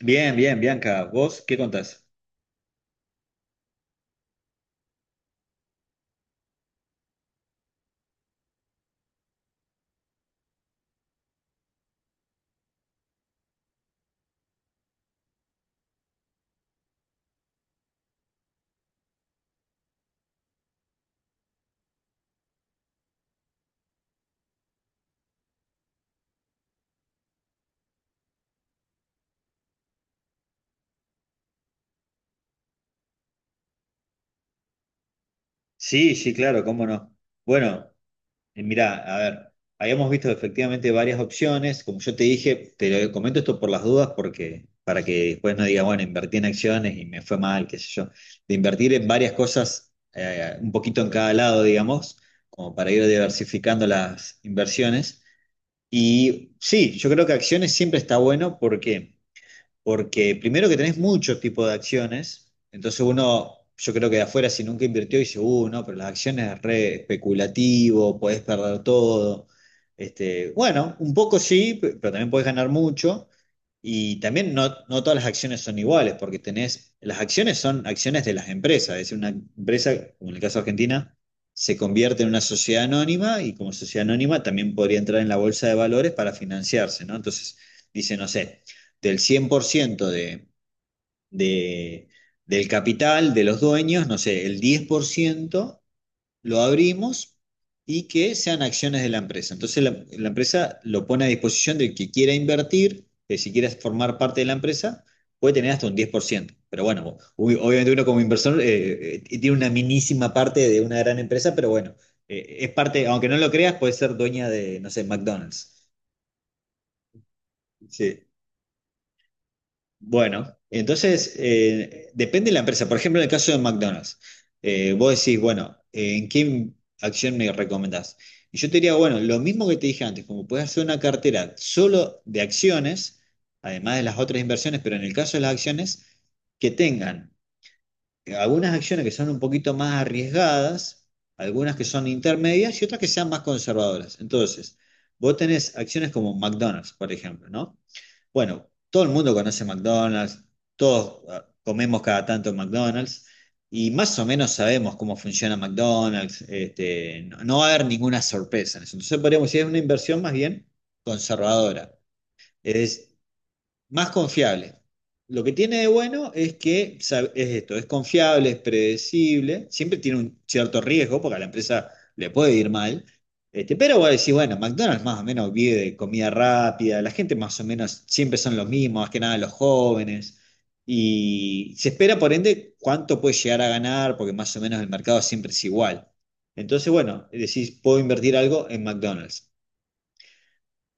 Bien, bien, Bianca. ¿Vos qué contás? Sí, sí, claro, cómo no. Bueno, mirá, a ver, habíamos visto efectivamente varias opciones. Como yo te dije, te lo comento esto por las dudas porque para que después no diga, bueno, invertí en acciones y me fue mal, qué sé yo. De invertir en varias cosas, un poquito en cada lado, digamos, como para ir diversificando las inversiones. Y sí, yo creo que acciones siempre está bueno porque porque primero que tenés muchos tipos de acciones, entonces uno, yo creo que de afuera si nunca invirtió dice, no, pero las acciones es re especulativo, podés perder todo. Este, bueno, un poco sí, pero también podés ganar mucho. Y también no, no todas las acciones son iguales, porque tenés, las acciones son acciones de las empresas, es decir, una empresa, como en el caso de Argentina, se convierte en una sociedad anónima y como sociedad anónima también podría entrar en la bolsa de valores para financiarse, ¿no? Entonces, dice, no sé, del 100% de- del capital de los dueños, no sé, el 10% lo abrimos y que sean acciones de la empresa. Entonces la empresa lo pone a disposición del que quiera invertir, que si quieres formar parte de la empresa, puede tener hasta un 10%. Pero bueno, obviamente uno como inversor tiene una minísima parte de una gran empresa, pero bueno, es parte, aunque no lo creas, puede ser dueña de, no sé, McDonald's. Sí. Bueno, entonces depende de la empresa. Por ejemplo, en el caso de McDonald's, vos decís, bueno, ¿en qué acción me recomendás? Y yo te diría, bueno, lo mismo que te dije antes, como puedes hacer una cartera solo de acciones, además de las otras inversiones, pero en el caso de las acciones, que tengan algunas acciones que son un poquito más arriesgadas, algunas que son intermedias y otras que sean más conservadoras. Entonces, vos tenés acciones como McDonald's, por ejemplo, ¿no? Bueno, todo el mundo conoce McDonald's, todos ah, comemos cada tanto en McDonald's y más o menos sabemos cómo funciona McDonald's, este, no, no va a haber ninguna sorpresa en eso. Entonces podríamos decir, es una inversión más bien conservadora. Es, más confiable. Lo que tiene de bueno es que es esto, es confiable, es predecible, siempre tiene un cierto riesgo porque a la empresa le puede ir mal, este, pero vos decís, bueno, McDonald's más o menos vive de comida rápida, la gente más o menos siempre son los mismos, más que nada los jóvenes, y se espera por ende cuánto puede llegar a ganar porque más o menos el mercado siempre es igual. Entonces, bueno, decís, puedo invertir algo en McDonald's.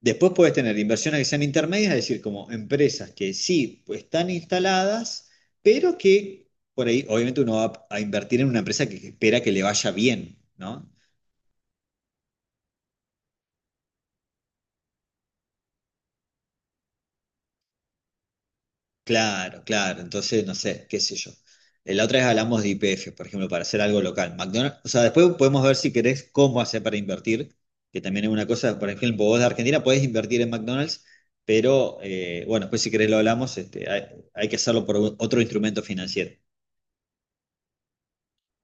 Después puedes tener inversiones que sean intermedias, es decir, como empresas que sí pues, están instaladas, pero que por ahí, obviamente, uno va a invertir en una empresa que espera que le vaya bien, ¿no? Claro, claro. Entonces, no sé, qué sé yo. La otra vez hablamos de IPF, por ejemplo, para hacer algo local. McDonald's, o sea, después podemos ver si querés cómo hacer para invertir, que también es una cosa, por ejemplo, vos de Argentina podés invertir en McDonald's, pero bueno, después si querés lo hablamos, este, hay que hacerlo por otro instrumento financiero.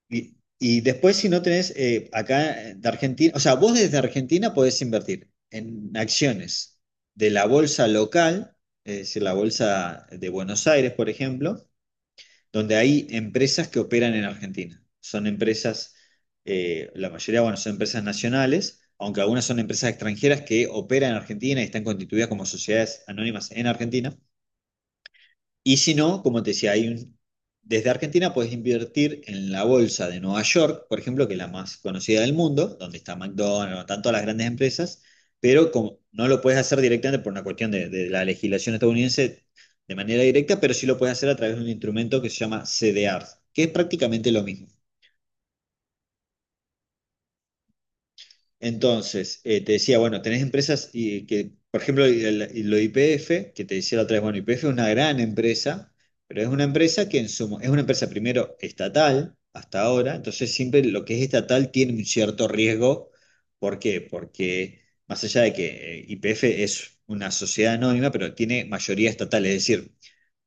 Y después, si no tenés acá de Argentina, o sea, vos desde Argentina podés invertir en acciones de la bolsa local, es decir, la bolsa de Buenos Aires, por ejemplo, donde hay empresas que operan en Argentina. Son empresas, la mayoría, bueno, son empresas nacionales, aunque algunas son empresas extranjeras que operan en Argentina y están constituidas como sociedades anónimas en Argentina. Y si no, como te decía, desde Argentina puedes invertir en la bolsa de Nueva York, por ejemplo, que es la más conocida del mundo, donde está McDonald's, tanto las grandes empresas, pero como no lo puedes hacer directamente por una cuestión de la legislación estadounidense de manera directa, pero sí lo puedes hacer a través de un instrumento que se llama CDR, que es prácticamente lo mismo. Entonces, te decía, bueno, tenés empresas y, que, por ejemplo, y lo IPF, que te decía la otra vez, bueno, IPF es una gran empresa, pero es una empresa que en su, es una empresa primero estatal hasta ahora, entonces siempre lo que es estatal tiene un cierto riesgo. ¿Por qué? Porque más allá de que IPF es una sociedad anónima, pero tiene mayoría estatal, es decir,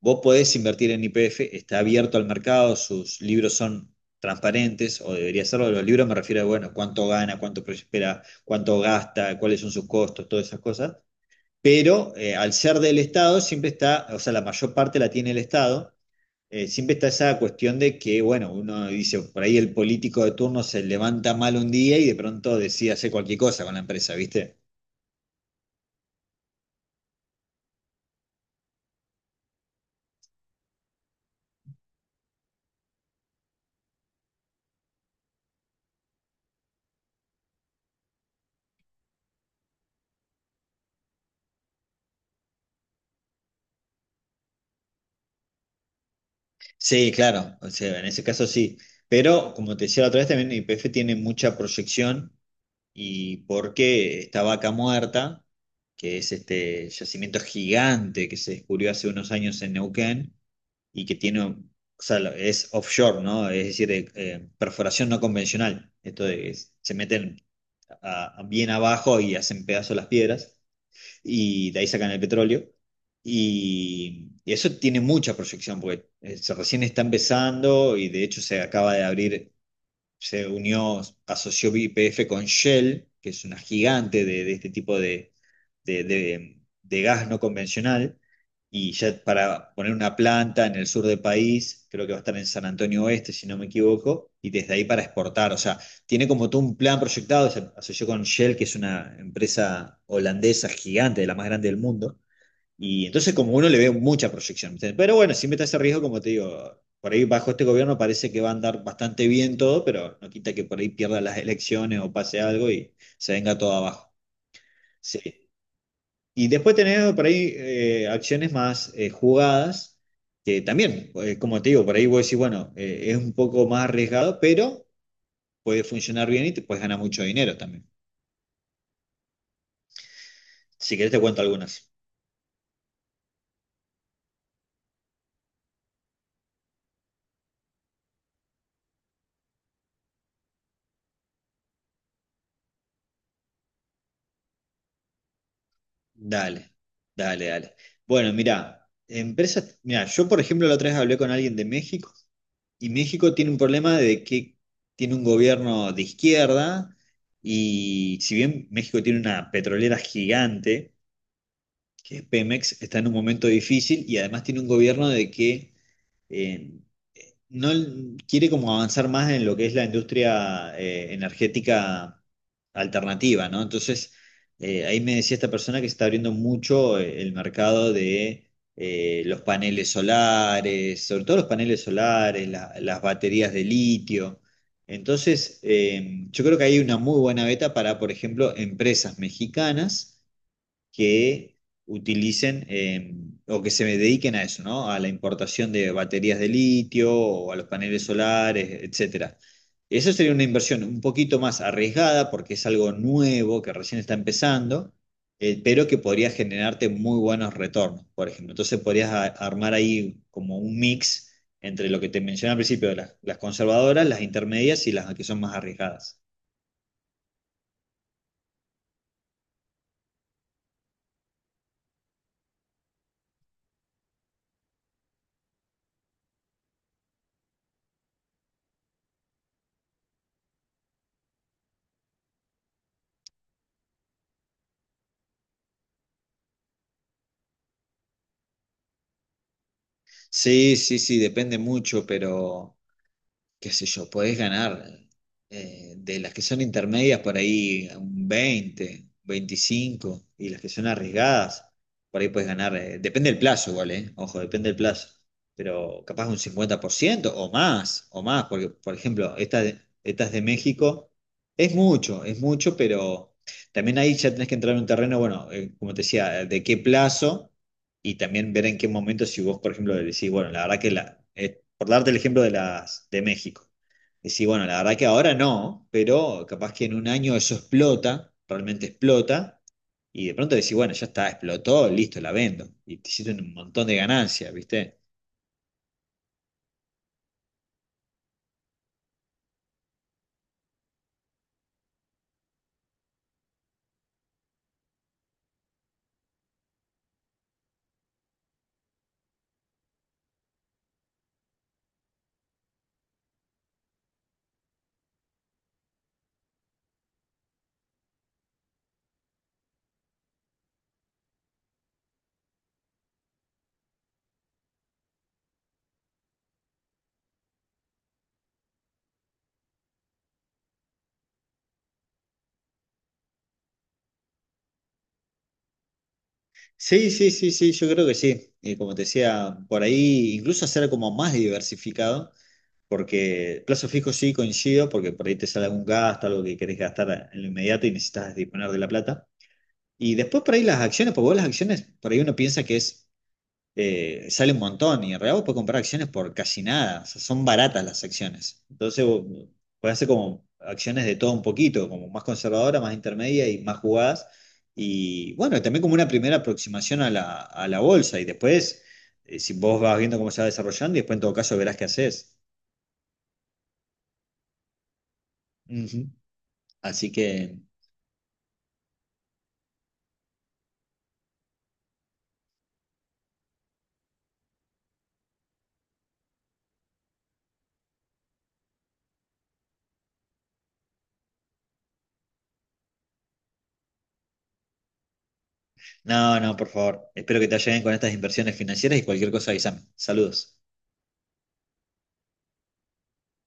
vos podés invertir en IPF, está abierto al mercado, sus libros son transparentes, o debería serlo, los libros me refiero a, bueno, cuánto gana, cuánto prospera, cuánto gasta, cuáles son sus costos, todas esas cosas. Pero al ser del Estado, siempre está, o sea, la mayor parte la tiene el Estado, siempre está esa cuestión de que, bueno, uno dice, por ahí el político de turno se levanta mal un día y de pronto decide hacer cualquier cosa con la empresa, ¿viste? Sí, claro, o sea, en ese caso sí. Pero, como te decía la otra vez, también YPF tiene mucha proyección y porque esta vaca muerta, que es este yacimiento gigante que se descubrió hace unos años en Neuquén y que tiene, o sea, es offshore, ¿no? Es decir, perforación no convencional. Esto de que se meten bien abajo y hacen pedazos las piedras y de ahí sacan el petróleo. Y eso tiene mucha proyección porque se recién está empezando y de hecho se acaba de abrir se unió, asoció YPF con Shell, que es una gigante de este tipo de, de, de- de gas no convencional, y ya para poner una planta en el sur del país, creo que va a estar en San Antonio Oeste, si no me equivoco, y desde ahí para exportar, o sea, tiene como todo un plan proyectado, se asoció con Shell, que es una empresa holandesa gigante, de la más grande del mundo, y entonces como uno le ve mucha proyección, ¿viste? Pero bueno, siempre está ese riesgo, como te digo, por ahí bajo este gobierno parece que va a andar bastante bien todo, pero no quita que por ahí pierda las elecciones o pase algo y se venga todo abajo. Sí. Y después tenemos por ahí acciones más jugadas, que también, como te digo, por ahí vos decís, bueno, es un poco más arriesgado, pero puede funcionar bien y te puedes ganar mucho dinero también. Si querés te cuento algunas. Dale, dale, dale. Bueno, mirá, empresas, mirá, yo por ejemplo la otra vez hablé con alguien de México y México tiene un problema de que tiene un gobierno de izquierda y si bien México tiene una petrolera gigante, que es Pemex, está en un momento difícil y además tiene un gobierno de que eh, no quiere como avanzar más en lo que es la industria energética alternativa, ¿no? Entonces, ahí me decía esta persona que se está abriendo mucho el mercado de los paneles solares, sobre todo los paneles solares, las baterías de litio. Entonces, yo creo que hay una muy buena beta para, por ejemplo, empresas mexicanas que utilicen o que se dediquen a eso, ¿no? A la importación de baterías de litio o a los paneles solares, etcétera. Eso sería una inversión un poquito más arriesgada porque es algo nuevo que recién está empezando, pero que podría generarte muy buenos retornos, por ejemplo. Entonces podrías armar ahí como un mix entre lo que te mencioné al principio, las conservadoras, las intermedias y las que son más arriesgadas. Sí, sí, sí, depende mucho, pero qué sé yo, podés ganar de las que son intermedias por ahí un 20 25 y las que son arriesgadas, por ahí podés ganar, depende del plazo igual, ojo, depende del plazo, pero capaz un 50% o más, porque por ejemplo, esta, esta es de México, es mucho, pero también ahí ya tenés que entrar en un terreno, bueno, como te decía, de qué plazo y también ver en qué momento, si vos, por ejemplo, decís, bueno, la verdad que la, por darte el ejemplo de las de México, decís, bueno, la verdad que ahora no, pero capaz que en un año eso explota, realmente explota, y de pronto decís, bueno, ya está, explotó, listo, la vendo, y te hiciste un montón de ganancias, ¿viste? Sí, sí, sí, sí, yo creo que sí. Y como te decía, por ahí incluso hacer como más diversificado, porque plazo fijo sí coincido, porque por ahí te sale algún gasto, algo que querés gastar en lo inmediato y necesitas disponer de la plata. Y después por ahí las acciones, porque vos las acciones, por ahí uno piensa que es, sale un montón y en realidad vos podés comprar acciones por casi nada, o sea, son baratas las acciones. Entonces vos podés hacer como acciones de todo un poquito, como más conservadora, más intermedia y más jugadas. Y bueno, también como una primera aproximación a la bolsa y después, si vos vas viendo cómo se va desarrollando y después en todo caso verás qué haces. Ujú. Así que, no, no, por favor, espero que te ayuden con estas inversiones financieras y cualquier cosa, avísame. Saludos.